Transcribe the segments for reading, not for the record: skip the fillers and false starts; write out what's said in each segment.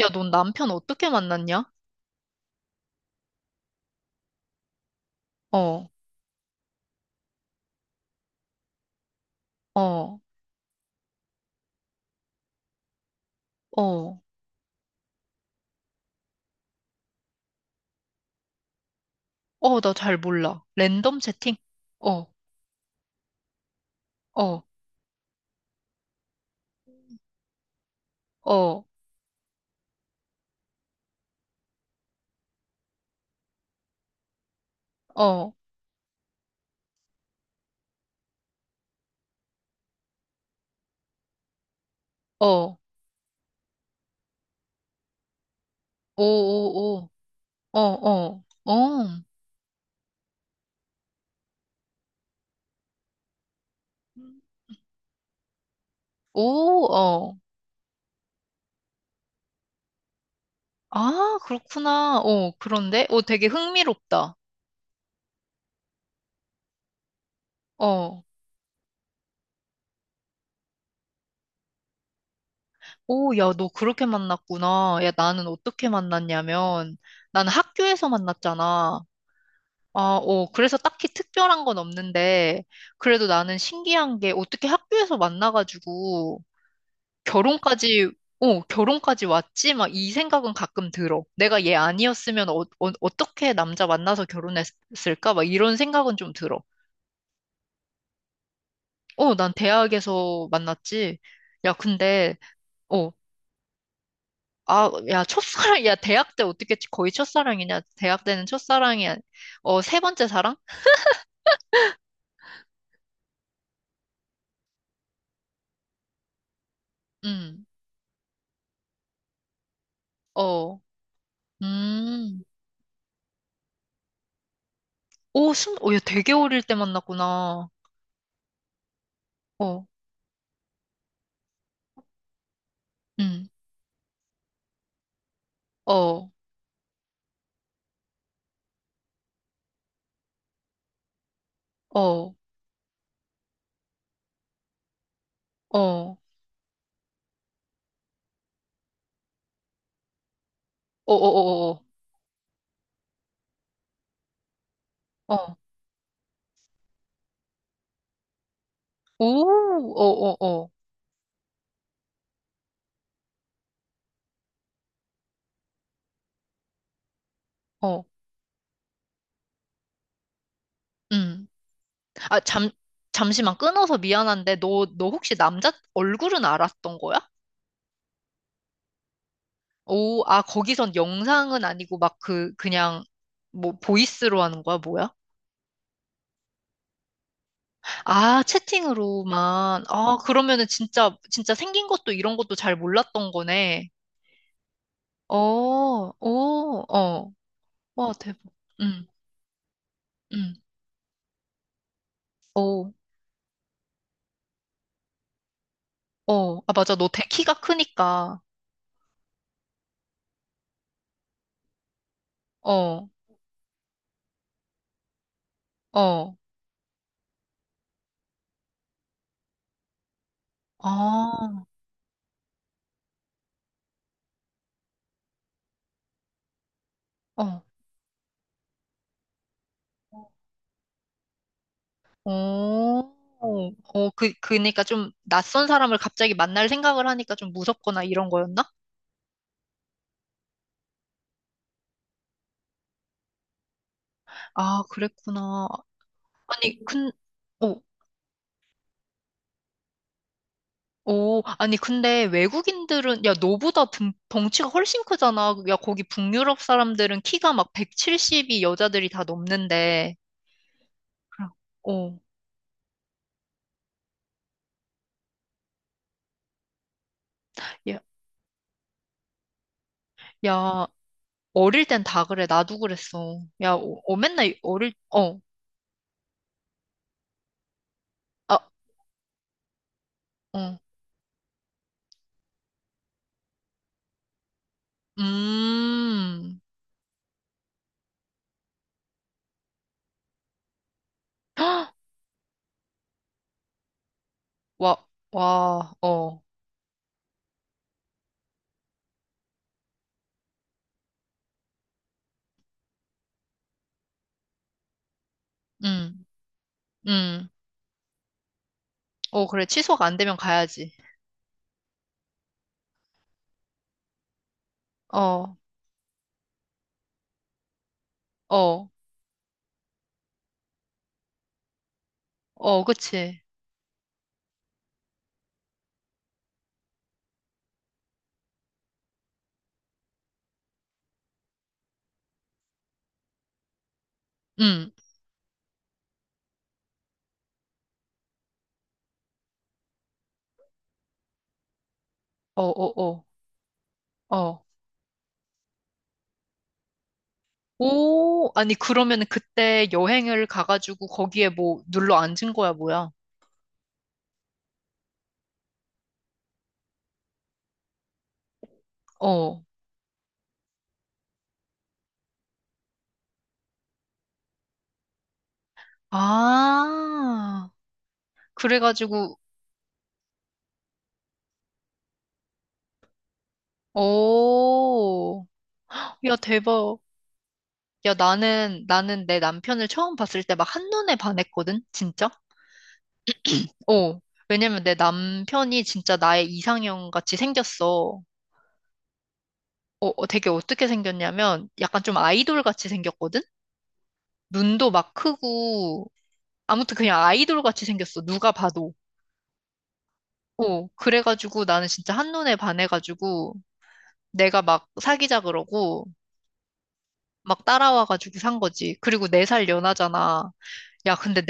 야, 넌 남편 어떻게 만났냐? 어, 어, 어, 어, 나 잘 몰라. 랜덤 채팅? 어, 어, 어, 어, 어, 오, 오, 오, 어, 어, 어, 오, 어. 아, 그렇구나. 그런데? 어, 되게 흥미롭다. 어. 오, 야, 너 그렇게 만났구나. 야, 나는 어떻게 만났냐면, 나는 학교에서 만났잖아. 아, 그래서 딱히 특별한 건 없는데, 그래도 나는 신기한 게 어떻게 학교에서 만나가지고 결혼까지, 결혼까지 왔지? 막 이 생각은 가끔 들어. 내가 얘 아니었으면 떻게 남자 만나서 결혼했을까? 막 이런 생각은 좀 들어. 어, 난 대학에서 만났지. 야, 근데, 어, 아, 야, 첫사랑, 야, 대학 때 어떻게 거의 첫사랑이냐? 대학 때는 첫사랑이, 아니- 세 번째 사랑? 음, 어, 음. 오, 순, 오, 야, 되게 어릴 때 만났구나. 어, 응, 어, 어, 어, 어, 어, 어, 어, 어, 어, 오, 어, 어, 어, 어, 응. 아, 잠, 잠시만 끊어서 미안한데, 너, 너 혹시 남자 얼굴은 알았던 거야? 오, 아, 거기선 영상은 아니고 막 그, 그냥, 뭐, 보이스로 하는 거야, 뭐야? 아, 채팅으로만. 아, 그러면은 진짜, 진짜 생긴 것도 이런 것도 잘 몰랐던 거네. 어, 오, 어. 와, 대박. 응, 응. 어, 어. 아, 맞아. 너 대- 키가 크니까. 어, 어. 아, 어. 어, 어, 그, 그니까 좀 낯선 사람을 갑자기 만날 생각을 하니까 좀 무섭거나 이런 거였나? 아, 그랬구나. 아니, 근, 어, 어, 아니, 근데 외국인들은, 야, 너보다 등, 덩치가 훨씬 크잖아. 야, 거기 북유럽 사람들은 키가 막 170이 여자들이 다 넘는데. 그럼, 어, 야, 야, 어릴 땐 다 그래. 나도 그랬어. 야, 맨날 어릴, 어, 아, 어, 음, 와, 와, 어, 음, 음, 어, 그래. 취소가 안 되면 가야지. 어, 어, 어, 그치. 음, 어, 어, 어, 어. 오, 아니, 그러면은 그때 여행을 가가지고 거기에 뭐 눌러 앉은 거야, 뭐야? 어. 아, 그래가지고, 오, 야, 대박. 야, 나는, 나는 내 남편을 처음 봤을 때 막 한눈에 반했거든? 진짜? 어. 왜냐면 내 남편이 진짜 나의 이상형 같이 생겼어. 되게 어떻게 생겼냐면 약간 좀 아이돌 같이 생겼거든? 눈도 막 크고, 아무튼 그냥 아이돌 같이 생겼어. 누가 봐도. 어. 그래가지고 나는 진짜 한눈에 반해가지고 내가 막 사귀자 그러고 막 따라와가지고 산 거지. 그리고 네 살 연하잖아. 야, 근데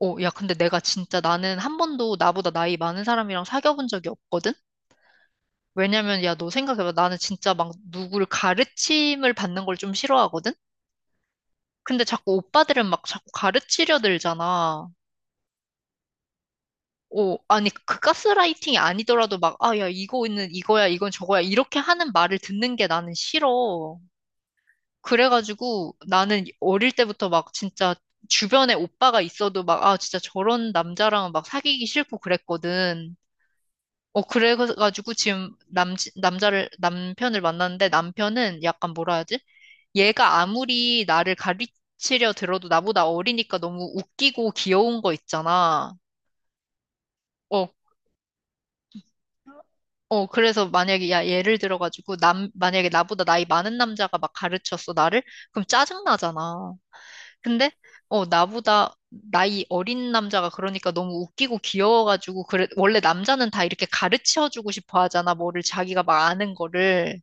어, 야, 근데 내가 진짜 나는 한 번도 나보다 나이 많은 사람이랑 사귀어본 적이 없거든? 왜냐면, 야, 너 생각해봐. 나는 진짜 막 누구를 가르침을 받는 걸 좀 싫어하거든? 근데 자꾸 오빠들은 막 자꾸 가르치려 들잖아. 어, 아니, 그 가스라이팅이 아니더라도 막, 아, 야, 이거는 이거야, 이건 저거야. 이렇게 하는 말을 듣는 게 나는 싫어. 그래가지고 나는 어릴 때부터 막 진짜 주변에 오빠가 있어도 막, 아, 진짜 저런 남자랑 막 사귀기 싫고 그랬거든. 그래가지고 지금 남, 남자를, 남편을 만났는데 남편은 약간 뭐라 하지? 얘가 아무리 나를 가르치려 들어도 나보다 어리니까 너무 웃기고 귀여운 거 있잖아. 어, 그래서 만약에, 야, 예를 들어가지고, 남, 만약에 나보다 나이 많은 남자가 막 가르쳤어, 나를? 그럼 짜증나잖아. 근데, 나보다 나이 어린 남자가 그러니까 너무 웃기고 귀여워가지고, 그래, 원래 남자는 다 이렇게 가르쳐주고 싶어 하잖아, 뭐를 자기가 막 아는 거를.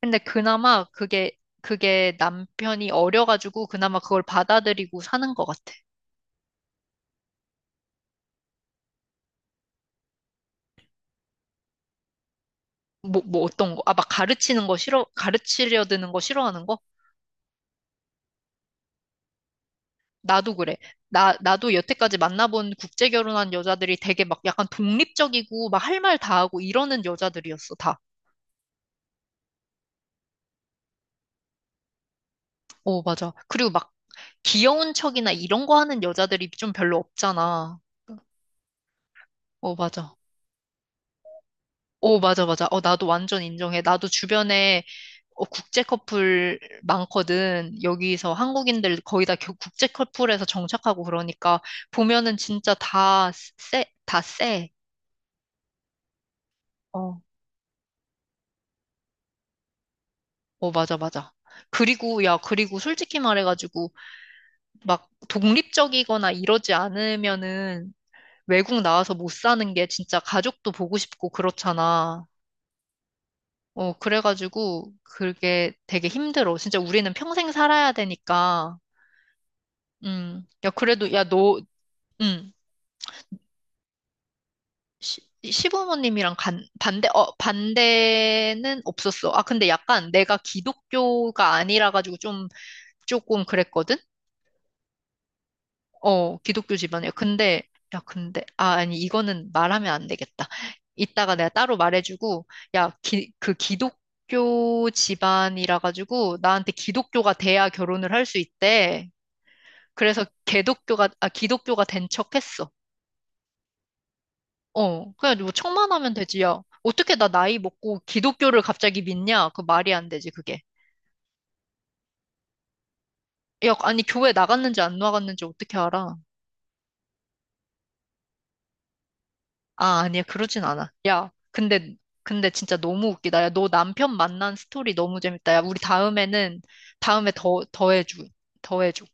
근데 그나마 그게, 그게 남편이 어려가지고 그나마 그걸 받아들이고 사는 것 같아. 뭐, 뭐 어떤 거? 아, 막 가르치는 거 싫어, 가르치려 드는 거 싫어하는 거? 나도 그래. 나, 나도 여태까지 만나본 국제 결혼한 여자들이 되게 막 약간 독립적이고 막 할 말 다 하고 이러는 여자들이었어, 다. 어, 맞아. 그리고 막 귀여운 척이나 이런 거 하는 여자들이 좀 별로 없잖아. 어, 맞아. 어, 맞아, 맞아. 어, 나도 완전 인정해. 나도 주변에 어, 국제 커플 많거든. 여기서 한국인들 거의 다 겨- 국제 커플에서 정착하고 그러니까 보면은 진짜 다 쎄, 다 쎄. 어, 어, 맞아, 맞아. 그리고, 야, 그리고 솔직히 말해가지고 막 독립적이거나 이러지 않으면은 외국 나와서 못 사는 게 진짜 가족도 보고 싶고 그렇잖아. 그래가지고 그게 되게 힘들어. 진짜 우리는 평생 살아야 되니까. 야, 그래도, 야, 너, 음. 시, 시부모님이랑 간, 반대, 어, 반대는 없었어. 아, 근데 약간 내가 기독교가 아니라 가지고 좀, 조금 그랬거든? 어, 기독교 집안이야. 근데, 야, 근데, 아, 아니, 이거는 말하면 안 되겠다. 이따가 내가 따로 말해주고, 야, 기, 그 기독교 집안이라 가지고 나한테 기독교가 돼야 결혼을 할 수 있대. 그래서 개독교가, 아, 기독교가 된 척했어. 어, 그냥 뭐 청만 하면 되지, 야. 어떻게 나 나이 먹고 기독교를 갑자기 믿냐? 그 말이 안 되지, 그게. 야, 아니, 교회 나갔는지 안 나갔는지 어떻게 알아? 아, 아니야, 그러진 않아. 야, 근데, 근데 진짜 너무 웃기다. 야, 너 남편 만난 스토리 너무 재밌다. 야, 우리 다음에는, 다음에 더, 더 해줘. 더 해줘.